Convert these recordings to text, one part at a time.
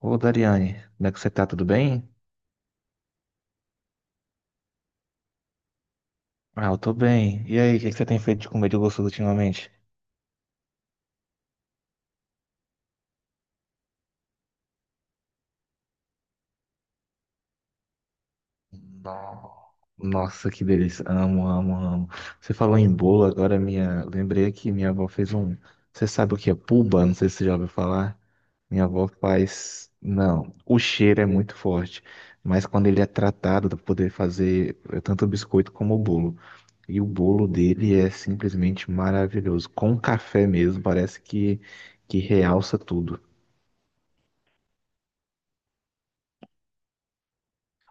Ô, Dariane, como é que você tá? Tudo bem? Ah, eu tô bem. E aí, o que que você tem feito de comer de gostoso ultimamente? No- Nossa, que delícia. Amo, amo, amo. Você falou em bolo, agora minha... lembrei que minha avó fez um... Você sabe o que é puba? Não sei se você já ouviu falar. Minha avó faz... Não, o cheiro é muito forte. Mas quando ele é tratado, dá pra poder fazer tanto o biscoito como o bolo. E o bolo dele é simplesmente maravilhoso. Com café mesmo, parece que realça tudo.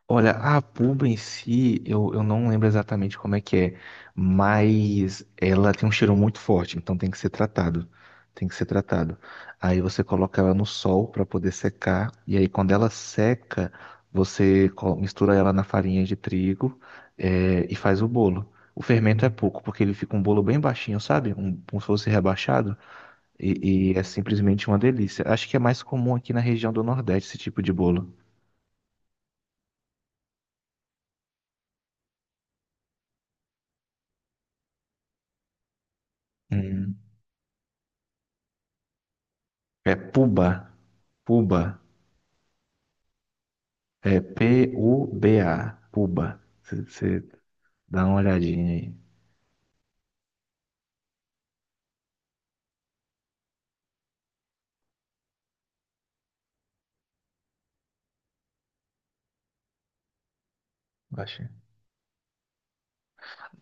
Olha, a pulga em si, eu não lembro exatamente como é que é, mas ela tem um cheiro muito forte, então tem que ser tratado. Tem que ser tratado. Aí você coloca ela no sol para poder secar, e aí quando ela seca, mistura ela na farinha de trigo, é, e faz o bolo. O fermento é pouco, porque ele fica um bolo bem baixinho, sabe? Um, como se fosse rebaixado, e é simplesmente uma delícia. Acho que é mais comum aqui na região do Nordeste esse tipo de bolo. Hum. É puba. Puba. É P-U-B-A. Puba. Você dá uma olhadinha aí. Baixa.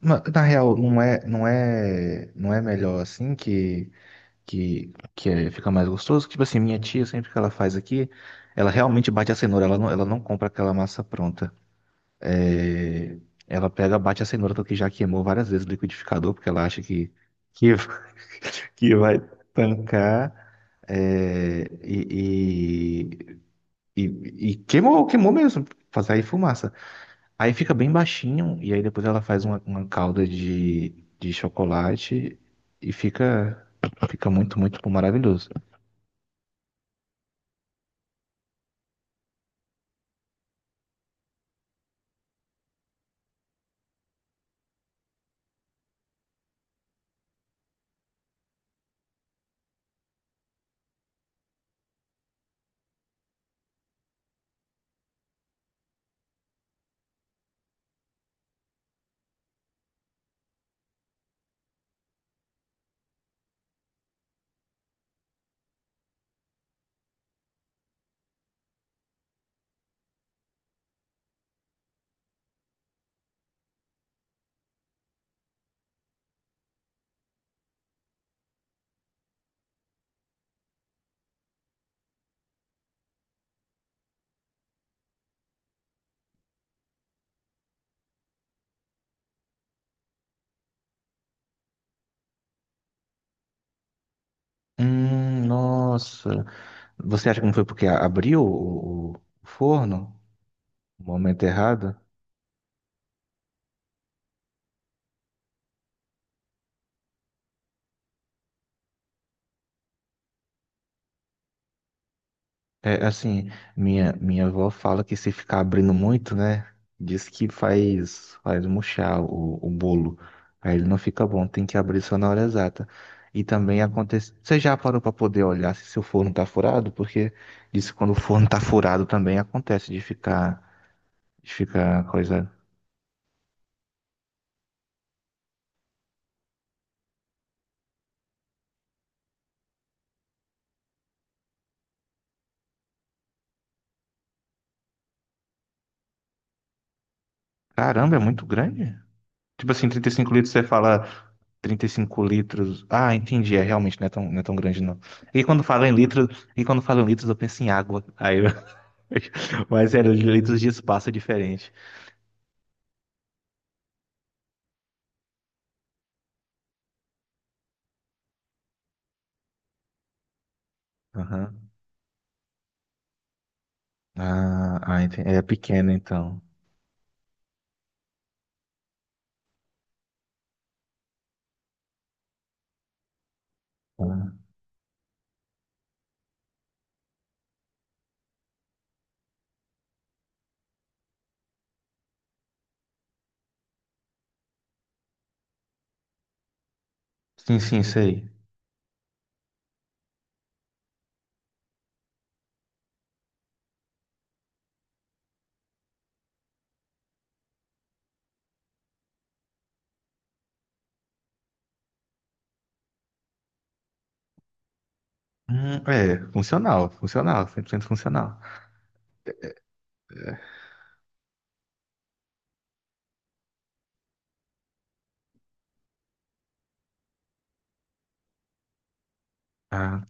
Na real, não é melhor assim que fica mais gostoso. Tipo assim, minha tia sempre que ela faz aqui, ela realmente bate a cenoura. Ela não compra aquela massa pronta. É, ela pega, bate a cenoura porque já queimou várias vezes o liquidificador porque ela acha que que, que vai tancar. É, e, E, e queimou, queimou mesmo, pra sair fumaça. Aí fica bem baixinho, e aí depois ela faz uma calda de chocolate e fica, fica muito, muito maravilhoso. Nossa. Você acha que não foi porque abriu o forno no momento errado? É, assim, minha avó fala que se ficar abrindo muito, né, diz que faz, faz murchar o bolo. Aí ele não fica bom, tem que abrir só na hora exata. E também acontece. Você já parou para poder olhar se seu forno tá furado? Porque diz que quando o forno tá furado também acontece de ficar coisa. Caramba, é muito grande. Tipo assim, 35 litros, você fala 35 litros. Ah, entendi, é realmente não é tão grande não. E quando fala em litros, eu penso em água. Aí eu... Mas é, litros de espaço é diferente. Aham. É pequeno então. Ah, sim, sim, sei. É, funcional, funcional, 100% funcional. Ah,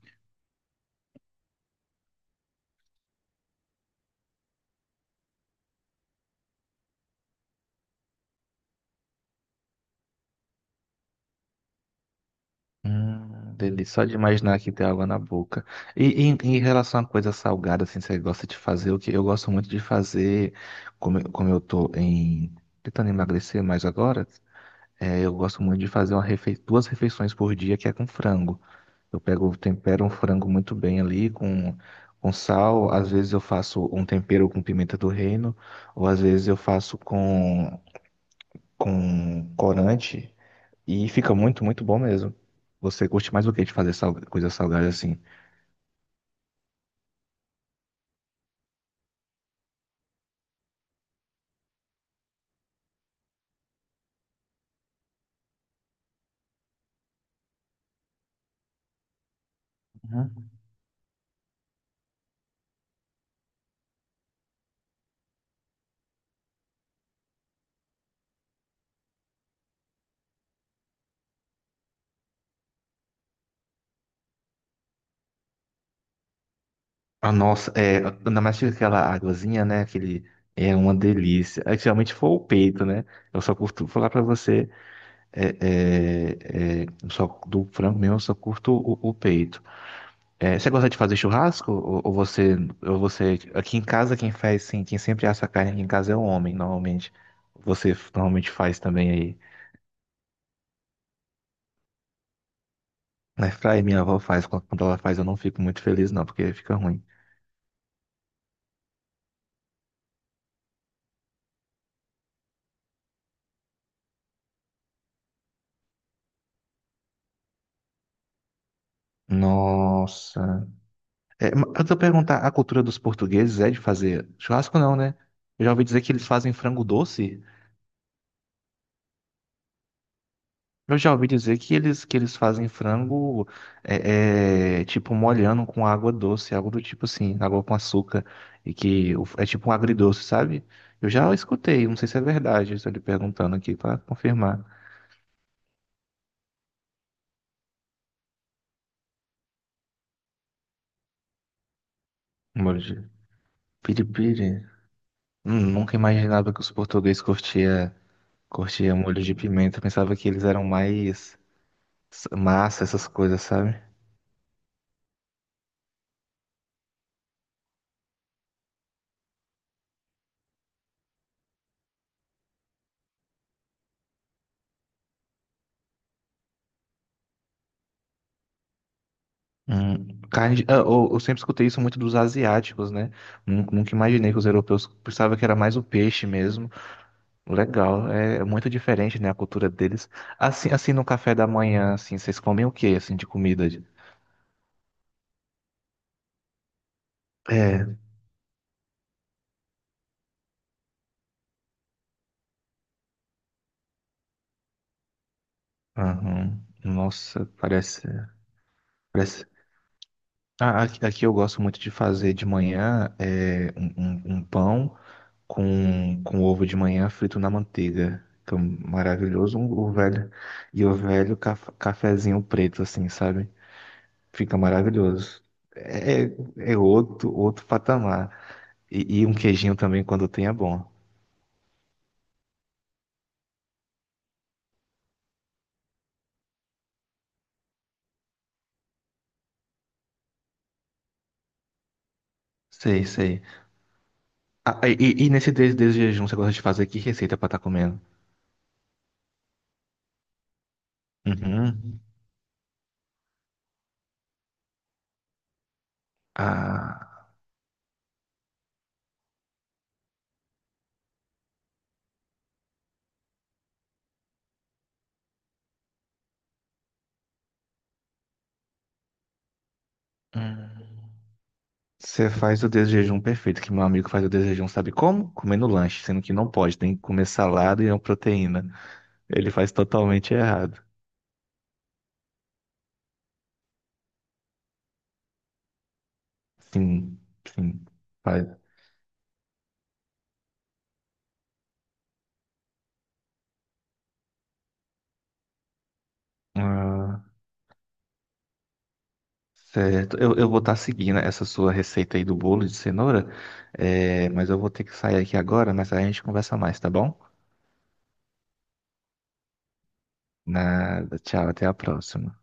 delícia. Só de imaginar que tem água na boca. E em relação a coisa salgada, assim, você gosta de fazer o que eu gosto muito de fazer, como, como eu tô em tentando emagrecer mais agora, é, eu gosto muito de fazer duas refeições por dia que é com frango. Eu pego, tempero um frango muito bem ali com sal. Às vezes eu faço um tempero com pimenta do reino, ou às vezes eu faço com corante. E fica muito, muito bom mesmo. Você curte mais o que de fazer coisa salgada assim? Uhum. Ah, nossa, é, ainda mais que aquela águazinha, né? Aquele, é uma delícia. É, geralmente foi o peito, né? Eu só curto, falar pra você, é, é, é, só do frango mesmo, eu só curto o peito. É, você gosta de fazer churrasco? Ou você, ou você. Aqui em casa, quem faz, sim, quem sempre assa a carne aqui em casa é o homem, normalmente. Você normalmente faz também aí. Na fry, minha avó faz. Quando ela faz, eu não fico muito feliz, não, porque fica ruim. Nossa. É, antes de eu perguntar, a cultura dos portugueses é de fazer churrasco, não, né? Eu já ouvi dizer que eles fazem frango doce. Eu já ouvi dizer que eles fazem frango é, é, tipo molhando com água doce, algo do tipo assim, água com açúcar, e que é tipo um agridoce, sabe? Eu já escutei, não sei se é verdade, estou lhe perguntando aqui para confirmar. Molho de piripiri. Nunca imaginava que os portugueses curtia, curtia molho de pimenta, pensava que eles eram mais massa, essas coisas, sabe? Carne de- ah, eu sempre escutei isso muito dos asiáticos, né? Nunca imaginei que os europeus pensavam que era mais o peixe mesmo. Legal, é muito diferente, né, a cultura deles. Assim, assim no café da manhã, assim, vocês comem o quê, assim, de comida? De- É, aham. Nossa, parece, parece. Aqui eu gosto muito de fazer de manhã é, um pão. Com ovo de manhã frito na manteiga. Que é um maravilhoso, o velho. E o velho cafezinho preto, assim, sabe? Fica maravilhoso. É, é é outro patamar. E um queijinho também, quando tem, é bom. Sei, sei. Ah, e nesse desde de jejum, você gosta de fazer que receita pra estar comendo? Uhum. Ah, hum. Você faz o desjejum perfeito, que meu amigo faz o desjejum, sabe como? Comendo lanche, sendo que não pode, tem que comer salada e é uma proteína. Ele faz totalmente errado. Sim, sim, faz. Ah, certo. Eu vou estar seguindo essa sua receita aí do bolo de cenoura, é, mas eu vou ter que sair aqui agora, mas aí a gente conversa mais, tá bom? Nada, tchau, até a próxima.